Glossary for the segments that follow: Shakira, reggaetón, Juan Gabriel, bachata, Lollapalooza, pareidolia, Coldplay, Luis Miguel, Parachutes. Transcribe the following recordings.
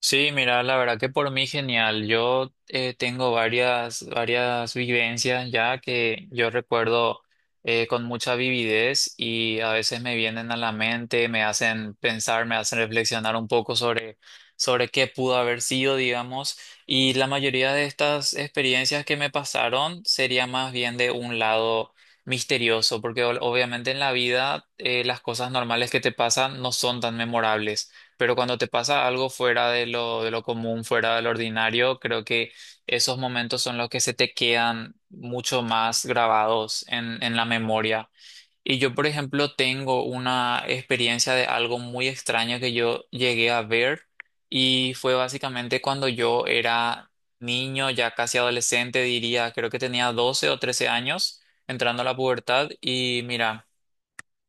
Sí, mira, la verdad que por mí genial. Yo tengo varias vivencias ya que yo recuerdo con mucha vividez y a veces me vienen a la mente, me hacen pensar, me hacen reflexionar un poco sobre qué pudo haber sido, digamos. Y la mayoría de estas experiencias que me pasaron sería más bien de un lado misterioso, porque obviamente en la vida las cosas normales que te pasan no son tan memorables. Pero cuando te pasa algo fuera de lo común, fuera de lo ordinario, creo que esos momentos son los que se te quedan mucho más grabados en la memoria. Y yo, por ejemplo, tengo una experiencia de algo muy extraño que yo llegué a ver y fue básicamente cuando yo era niño, ya casi adolescente, diría, creo que tenía 12 o 13 años, entrando a la pubertad y mira.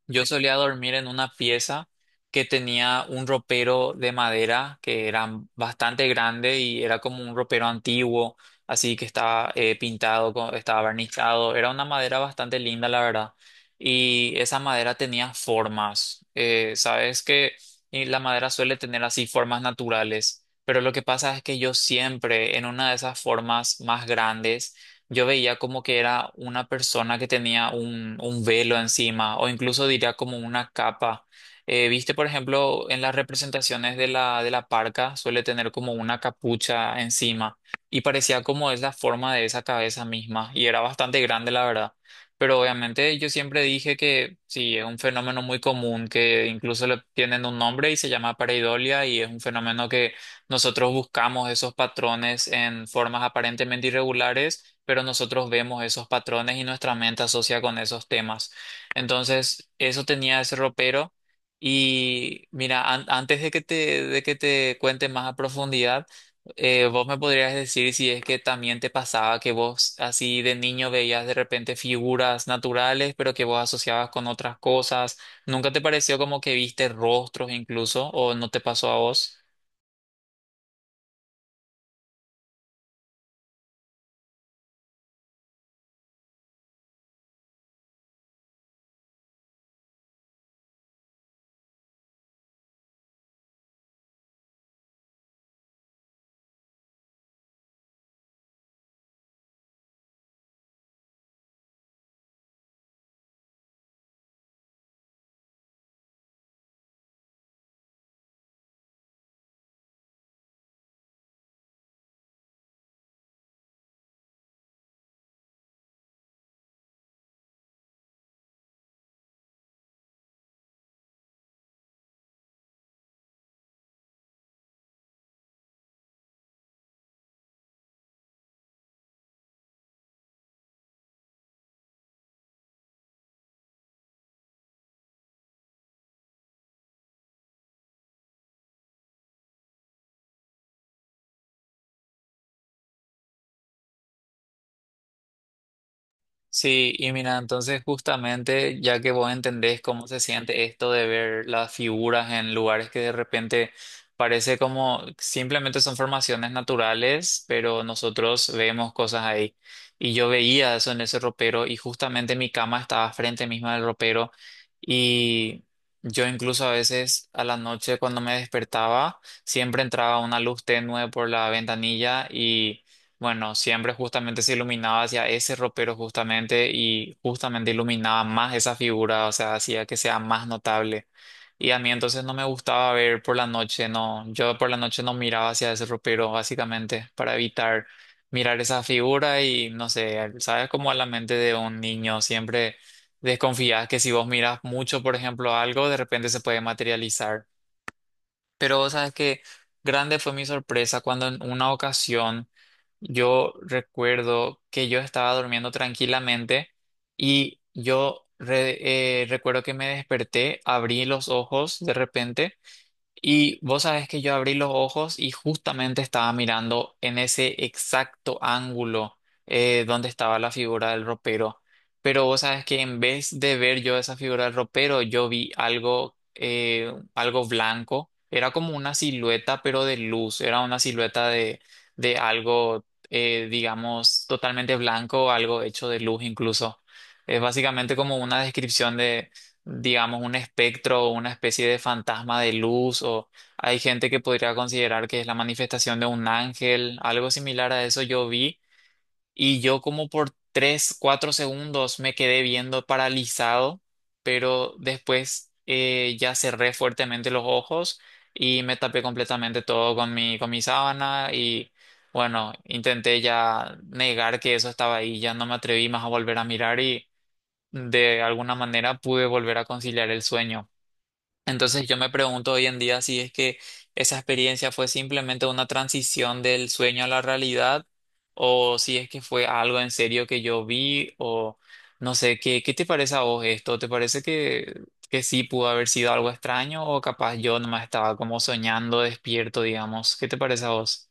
Yo solía dormir en una pieza que tenía un ropero de madera que era bastante grande y era como un ropero antiguo, así que estaba pintado, estaba barnizado. Era una madera bastante linda, la verdad. Y esa madera tenía formas. Sabes que y la madera suele tener así formas naturales, pero lo que pasa es que yo siempre en una de esas formas más grandes yo veía como que era una persona que tenía un velo encima o incluso diría como una capa. Viste, por ejemplo, en las representaciones de la parca suele tener como una capucha encima y parecía como es la forma de esa cabeza misma y era bastante grande, la verdad. Pero obviamente yo siempre dije que sí, es un fenómeno muy común que incluso le tienen un nombre y se llama pareidolia y es un fenómeno que nosotros buscamos esos patrones en formas aparentemente irregulares pero nosotros vemos esos patrones y nuestra mente asocia con esos temas. Entonces, eso tenía ese ropero. Y mira, antes de que te cuente más a profundidad, vos me podrías decir si es que también te pasaba que vos así de niño veías de repente figuras naturales, pero que vos asociabas con otras cosas. ¿Nunca te pareció como que viste rostros incluso o no te pasó a vos? Sí, y mira, entonces justamente ya que vos entendés cómo se siente esto de ver las figuras en lugares que de repente parece como simplemente son formaciones naturales, pero nosotros vemos cosas ahí. Y yo veía eso en ese ropero y justamente mi cama estaba frente misma del ropero y yo incluso a veces a la noche cuando me despertaba siempre entraba una luz tenue por la ventanilla y bueno, siempre justamente se iluminaba hacia ese ropero justamente y justamente iluminaba más esa figura, o sea, hacía que sea más notable. Y a mí entonces no me gustaba ver por la noche, no, yo por la noche no miraba hacia ese ropero básicamente para evitar mirar esa figura y no sé, sabes como a la mente de un niño siempre desconfías que si vos miras mucho, por ejemplo, algo, de repente se puede materializar. Pero sabes que grande fue mi sorpresa cuando en una ocasión yo recuerdo que yo estaba durmiendo tranquilamente y yo recuerdo que me desperté, abrí los ojos de repente y vos sabés que yo abrí los ojos y justamente estaba mirando en ese exacto ángulo donde estaba la figura del ropero. Pero vos sabés que en vez de ver yo esa figura del ropero, yo vi algo, algo blanco. Era como una silueta, pero de luz. Era una silueta de algo, digamos, totalmente blanco, algo hecho de luz incluso. Es básicamente como una descripción digamos, un espectro o una especie de fantasma de luz, o hay gente que podría considerar que es la manifestación de un ángel, algo similar a eso yo vi, y yo como por 3, 4 segundos me quedé viendo paralizado, pero después ya cerré fuertemente los ojos y me tapé completamente todo con mi sábana y bueno, intenté ya negar que eso estaba ahí, ya no me atreví más a volver a mirar y de alguna manera pude volver a conciliar el sueño. Entonces yo me pregunto hoy en día si es que esa experiencia fue simplemente una transición del sueño a la realidad o si es que fue algo en serio que yo vi o no sé, qué te parece a vos esto? ¿Te parece que sí pudo haber sido algo extraño o capaz yo nomás estaba como soñando despierto, digamos? ¿Qué te parece a vos?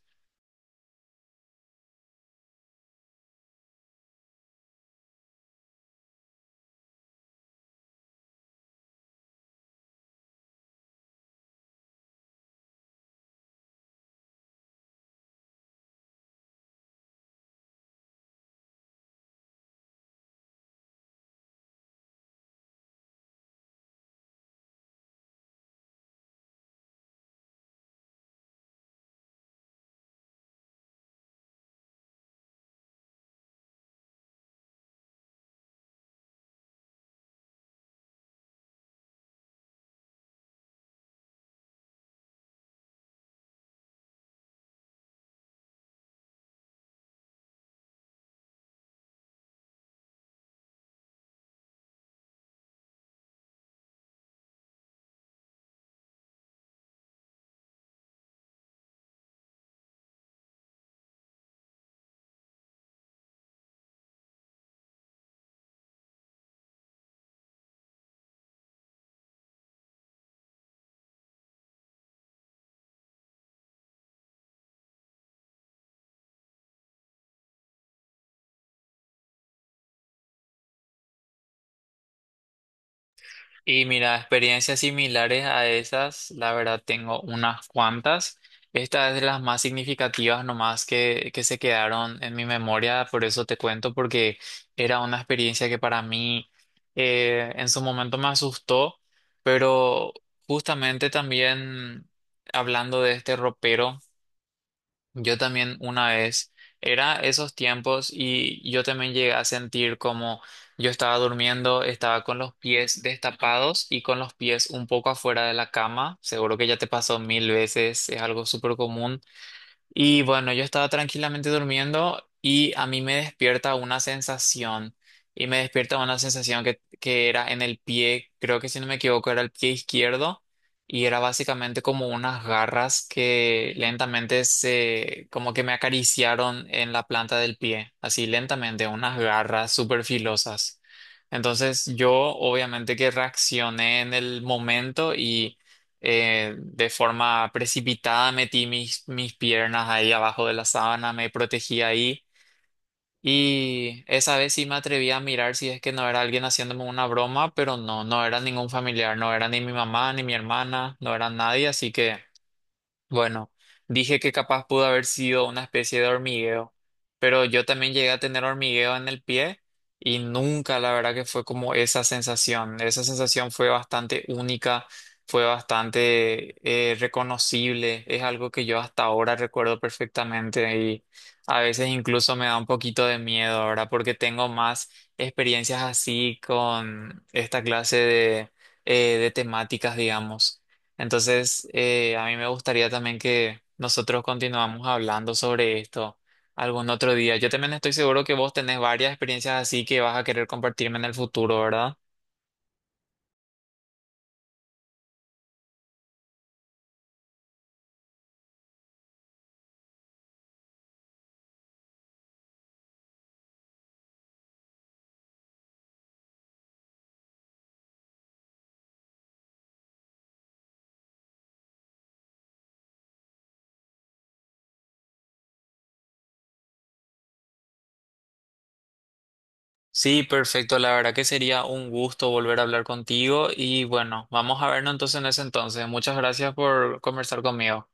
Y mira, experiencias similares a esas, la verdad tengo unas cuantas. Esta es de las más significativas nomás que se quedaron en mi memoria, por eso te cuento, porque era una experiencia que para mí en su momento me asustó, pero justamente también hablando de este ropero. Yo también una vez, era esos tiempos y yo también llegué a sentir como yo estaba durmiendo, estaba con los pies destapados y con los pies un poco afuera de la cama, seguro que ya te pasó mil veces, es algo súper común. Y bueno, yo estaba tranquilamente durmiendo y a mí me despierta una sensación. Y me despierta una sensación que era en el pie, creo que si no me equivoco, era el pie izquierdo. Y era básicamente como unas garras que lentamente se, como que me acariciaron en la planta del pie. Así lentamente, unas garras súper filosas. Entonces yo obviamente que reaccioné en el momento y de forma precipitada metí mis piernas ahí abajo de la sábana, me protegí ahí y esa vez sí me atreví a mirar si es que no era alguien haciéndome una broma, pero no, no era ningún familiar, no era ni mi mamá, ni mi hermana, no era nadie, así que bueno, dije que capaz pudo haber sido una especie de hormigueo, pero yo también llegué a tener hormigueo en el pie y nunca, la verdad que fue como esa sensación. Esa sensación fue bastante única, fue bastante reconocible, es algo que yo hasta ahora recuerdo perfectamente y a veces incluso me da un poquito de miedo ahora porque tengo más experiencias así con esta clase de temáticas, digamos. Entonces, a mí me gustaría también que nosotros continuamos hablando sobre esto algún otro día. Yo también estoy seguro que vos tenés varias experiencias así que vas a querer compartirme en el futuro, ¿verdad? Sí, perfecto. La verdad que sería un gusto volver a hablar contigo y bueno, vamos a vernos entonces en ese entonces. Muchas gracias por conversar conmigo.